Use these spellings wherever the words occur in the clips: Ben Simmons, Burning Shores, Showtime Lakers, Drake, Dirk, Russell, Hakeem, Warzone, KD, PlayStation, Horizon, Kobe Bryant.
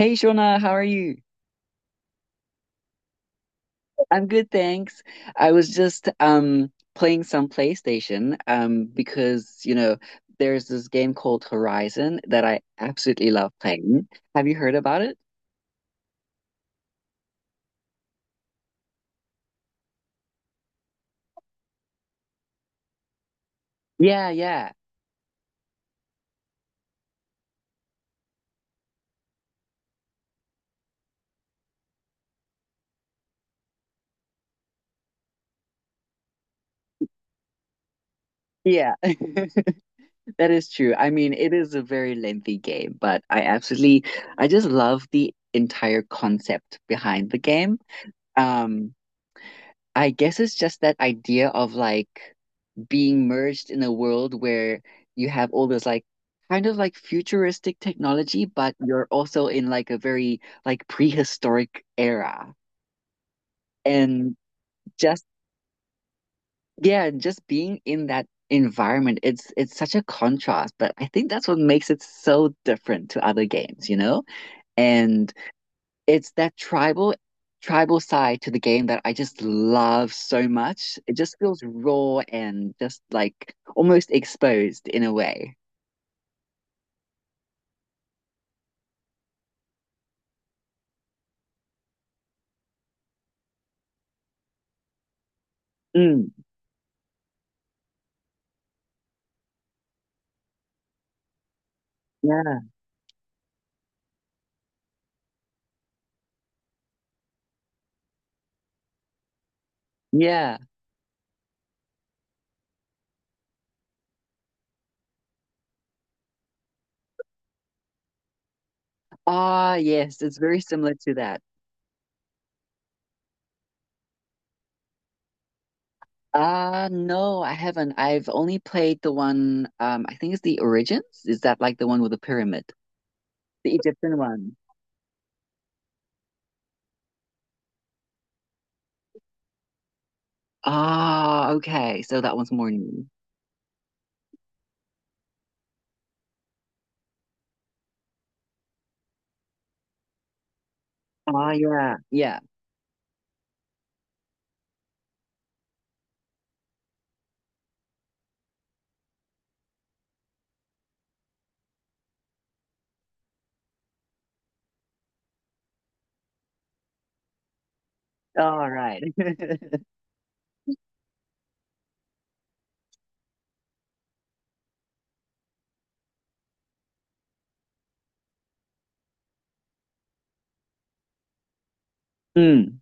Hey Shona, how are you? I'm good, thanks. I was just playing some PlayStation because, you know, there's this game called Horizon that I absolutely love playing. Have you heard about it? Yeah, yeah. Yeah. That is true. I mean, it is a very lengthy game, but I absolutely I just love the entire concept behind the game. Um I guess it's just that idea of like being merged in a world where you have all this like kind of like futuristic technology, but you're also in like a very like prehistoric era. And just yeah, just being in that environment, it's such a contrast, but I think that's what makes it so different to other games, you know? And it's that tribal side to the game that I just love so much. It just feels raw and just like almost exposed in a way. Mm. Yeah, yeah. Ah, yes, it's very similar to that. Ah, no, I haven't. I've only played the one, I think it's the Origins. Is that like the one with the pyramid? The Egyptian one. Ah, okay. So that one's more new. Ah, yeah, yeah. All right. Mm.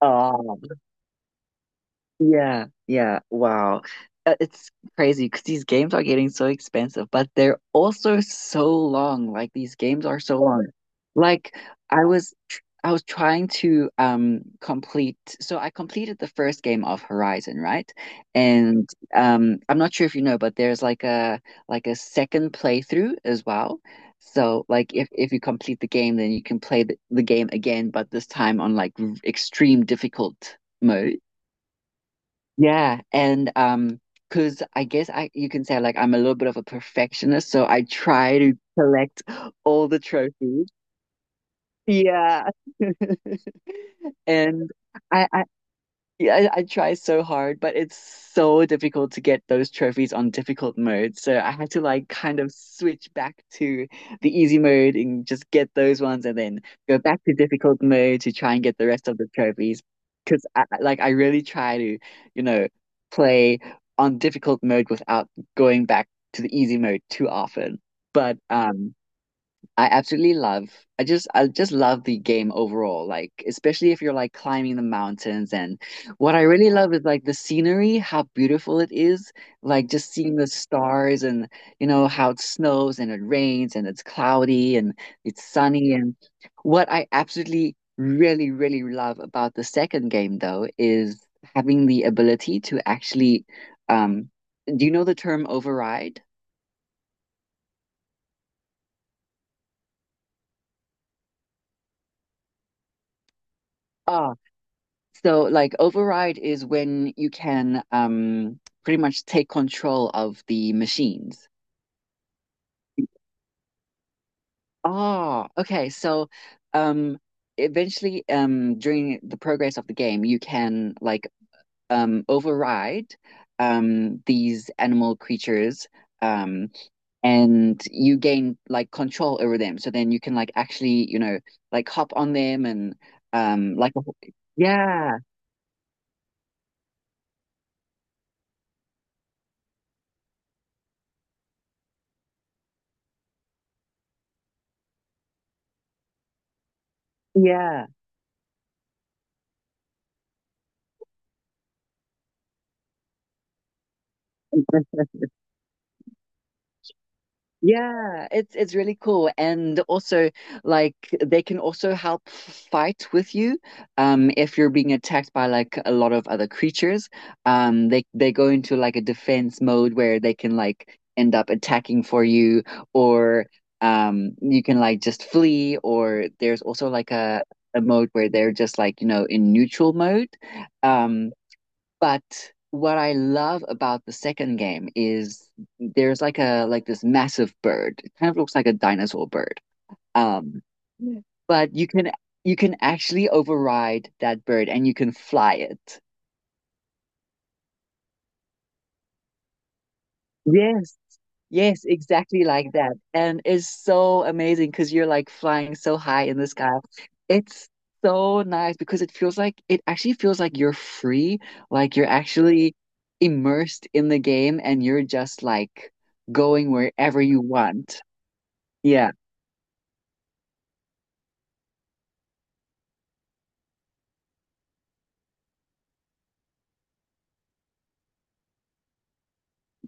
Ah. Yeah, yeah, wow. It's crazy because these games are getting so expensive, but they're also so long. Like these games are so long. Like I was trying to complete so I completed the first game of Horizon, right? And I'm not sure if you know, but there's like a second playthrough as well. So like if you complete the game, then you can play the game again, but this time on like extreme difficult mode. Yeah, and 'cause I guess I you can say like I'm a little bit of a perfectionist, so I try to collect all the trophies. Yeah. And I yeah, I try so hard, but it's so difficult to get those trophies on difficult mode. So I had to like kind of switch back to the easy mode and just get those ones and then go back to difficult mode to try and get the rest of the trophies. Because like I really try to, you know, play on difficult mode without going back to the easy mode too often. But I absolutely love. I just love the game overall, like especially if you're like climbing the mountains and what I really love is like the scenery, how beautiful it is, like just seeing the stars and you know how it snows and it rains and it's cloudy and it's sunny and what I absolutely really really love about the second game though is having the ability to actually um do you know the term override? So, like, override is when you can pretty much take control of the machines. Oh, okay. So, um, eventually, during the progress of the game, you can like override these animal creatures, um, and you gain like control over them. So then you can like actually, you know, like hop on them and like, yeah, yeah. Yeah, it's really cool. And also like they can also help fight with you if you're being attacked by like a lot of other creatures. They go into like a defense mode where they can like end up attacking for you or you can like just flee or there's also like a mode where they're just like, you know, in neutral mode. Um but what I love about the second game is there's like a like this massive bird. It kind of looks like a dinosaur bird. Um, Yeah. But you can actually override that bird and you can fly it. Yes. Yes, exactly like that. And it's so amazing because you're like flying so high in the sky. It's so nice because it feels like it actually feels like you're free, like you're actually immersed in the game and you're just like going wherever you want. Yeah.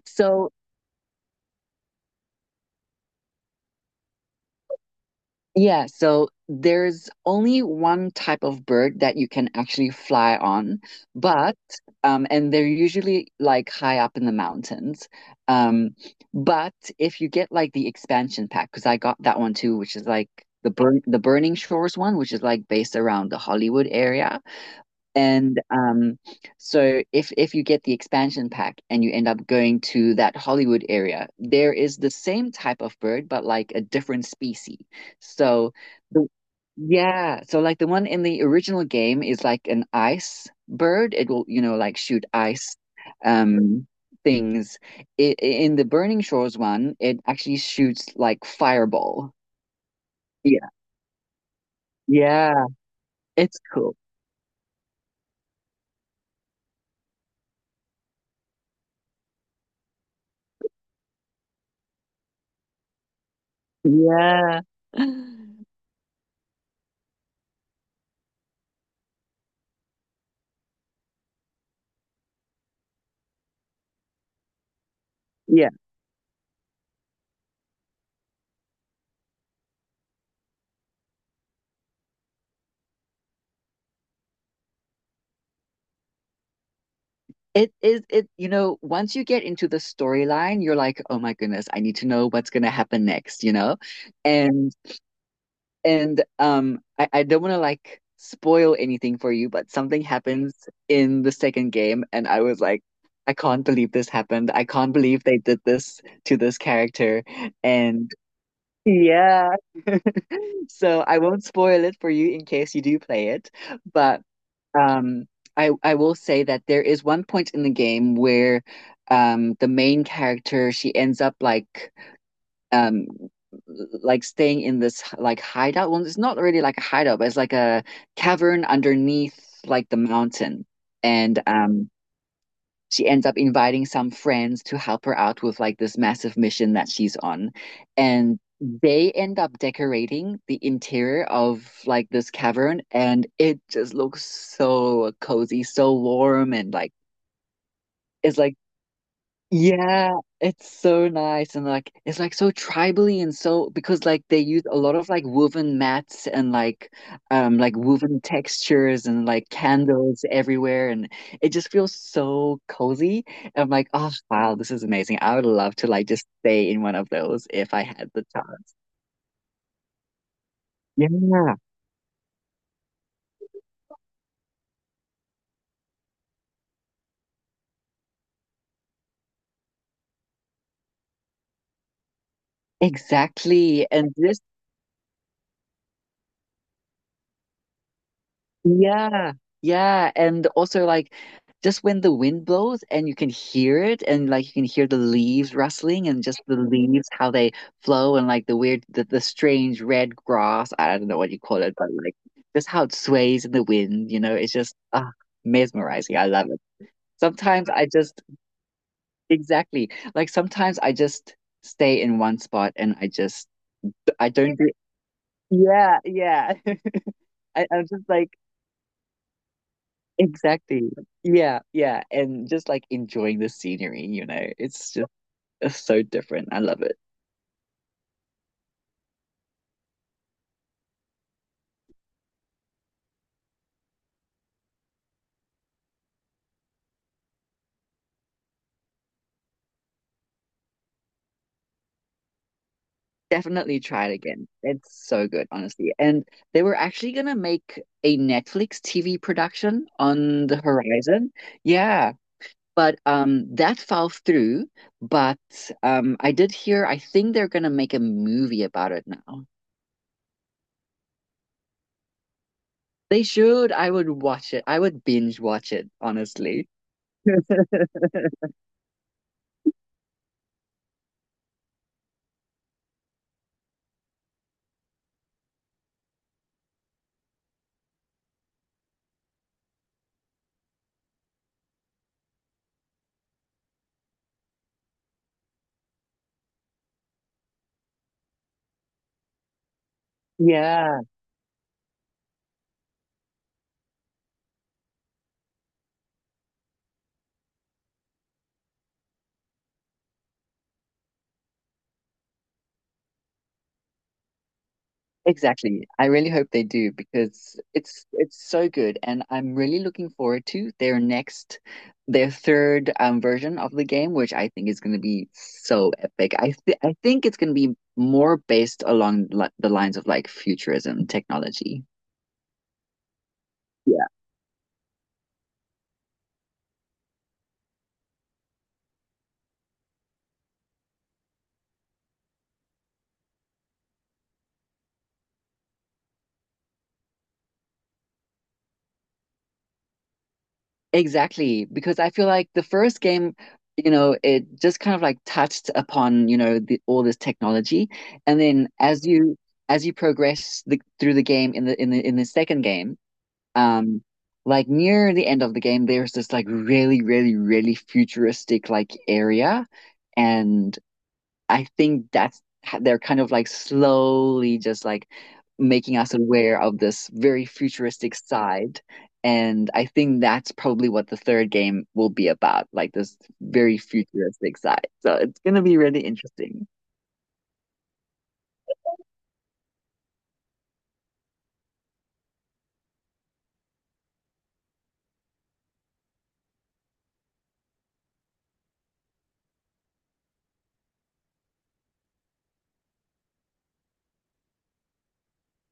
So yeah, so there's only one type of bird that you can actually fly on, but and they're usually like high up in the mountains. Um, but if you get like the expansion pack, because I got that one too, which is like the Burning Shores one, which is like based around the Hollywood area. And so if you get the expansion pack and you end up going to that Hollywood area, there is the same type of bird, but like a different species. So the yeah, so like the one in the original game is like an ice bird. It will, you know, like shoot ice um things. I In the Burning Shores one, it actually shoots like fireball. Yeah. Yeah, it's cool. Yeah. Yeah. It is it, you know, once you get into the storyline, you're like, oh my goodness, I need to know what's gonna happen next, you know? And and I don't wanna like spoil anything for you, but something happens in the second game and I was like, I can't believe this happened. I can't believe they did this to this character. And yeah, so I won't spoil it for you in case you do play it, but um, I will say that there is one point in the game where the main character she ends up um like staying in this like hideout. Well, it's not really like a hideout, but it's like a cavern underneath like the mountain. And she ends up inviting some friends to help her out with like this massive mission that she's on. And they end up decorating the interior of like this cavern, and it just looks so cozy, so warm, and like it's like yeah, it's so nice and like it's like so tribally and so because like they use a lot of like woven mats and like woven textures and like candles everywhere and it just feels so cozy. I'm like, oh wow, this is amazing. I would love to like just stay in one of those if I had the chance. Yeah, exactly. And this yeah, yeah, and also like just when the wind blows and you can hear it and like you can hear the leaves rustling and just the leaves how they flow and like the strange red grass, I don't know what you call it, but like just how it sways in the wind, you know, it's just ah mesmerizing. I love it. Sometimes I just exactly like sometimes I just stay in one spot and I just I don't do yeah, yeah. I'm just like exactly. Yeah, yeah. And just like enjoying the scenery, you know, it's just it's so different. I love it. Definitely try it again. It's so good, honestly. And they were actually gonna make a Netflix TV production on the horizon. Yeah. But that fell through. But I did hear I think they're gonna make a movie about it now. They should. I would watch it. I would binge watch it, honestly. Yeah. Exactly. I really hope they do because it's so good and I'm really looking forward to their next their third version of the game which I think is going to be so epic. I think it's going to be more based along li the lines of like futurism technology. Yeah. Exactly, because I feel like the first game, you know, it just kind of like touched upon, you know, all this technology and then as you progress through the game in the in the second game. Um, like near the end of the game, there's this like really, really, really futuristic like area, and I think that's they're kind of like slowly just like making us aware of this very futuristic side. And I think that's probably what the third game will be about, like this very futuristic side. So it's gonna be really interesting.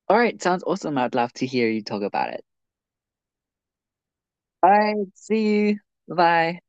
All right, sounds awesome. I'd love to hear you talk about it. All right, see you. Bye.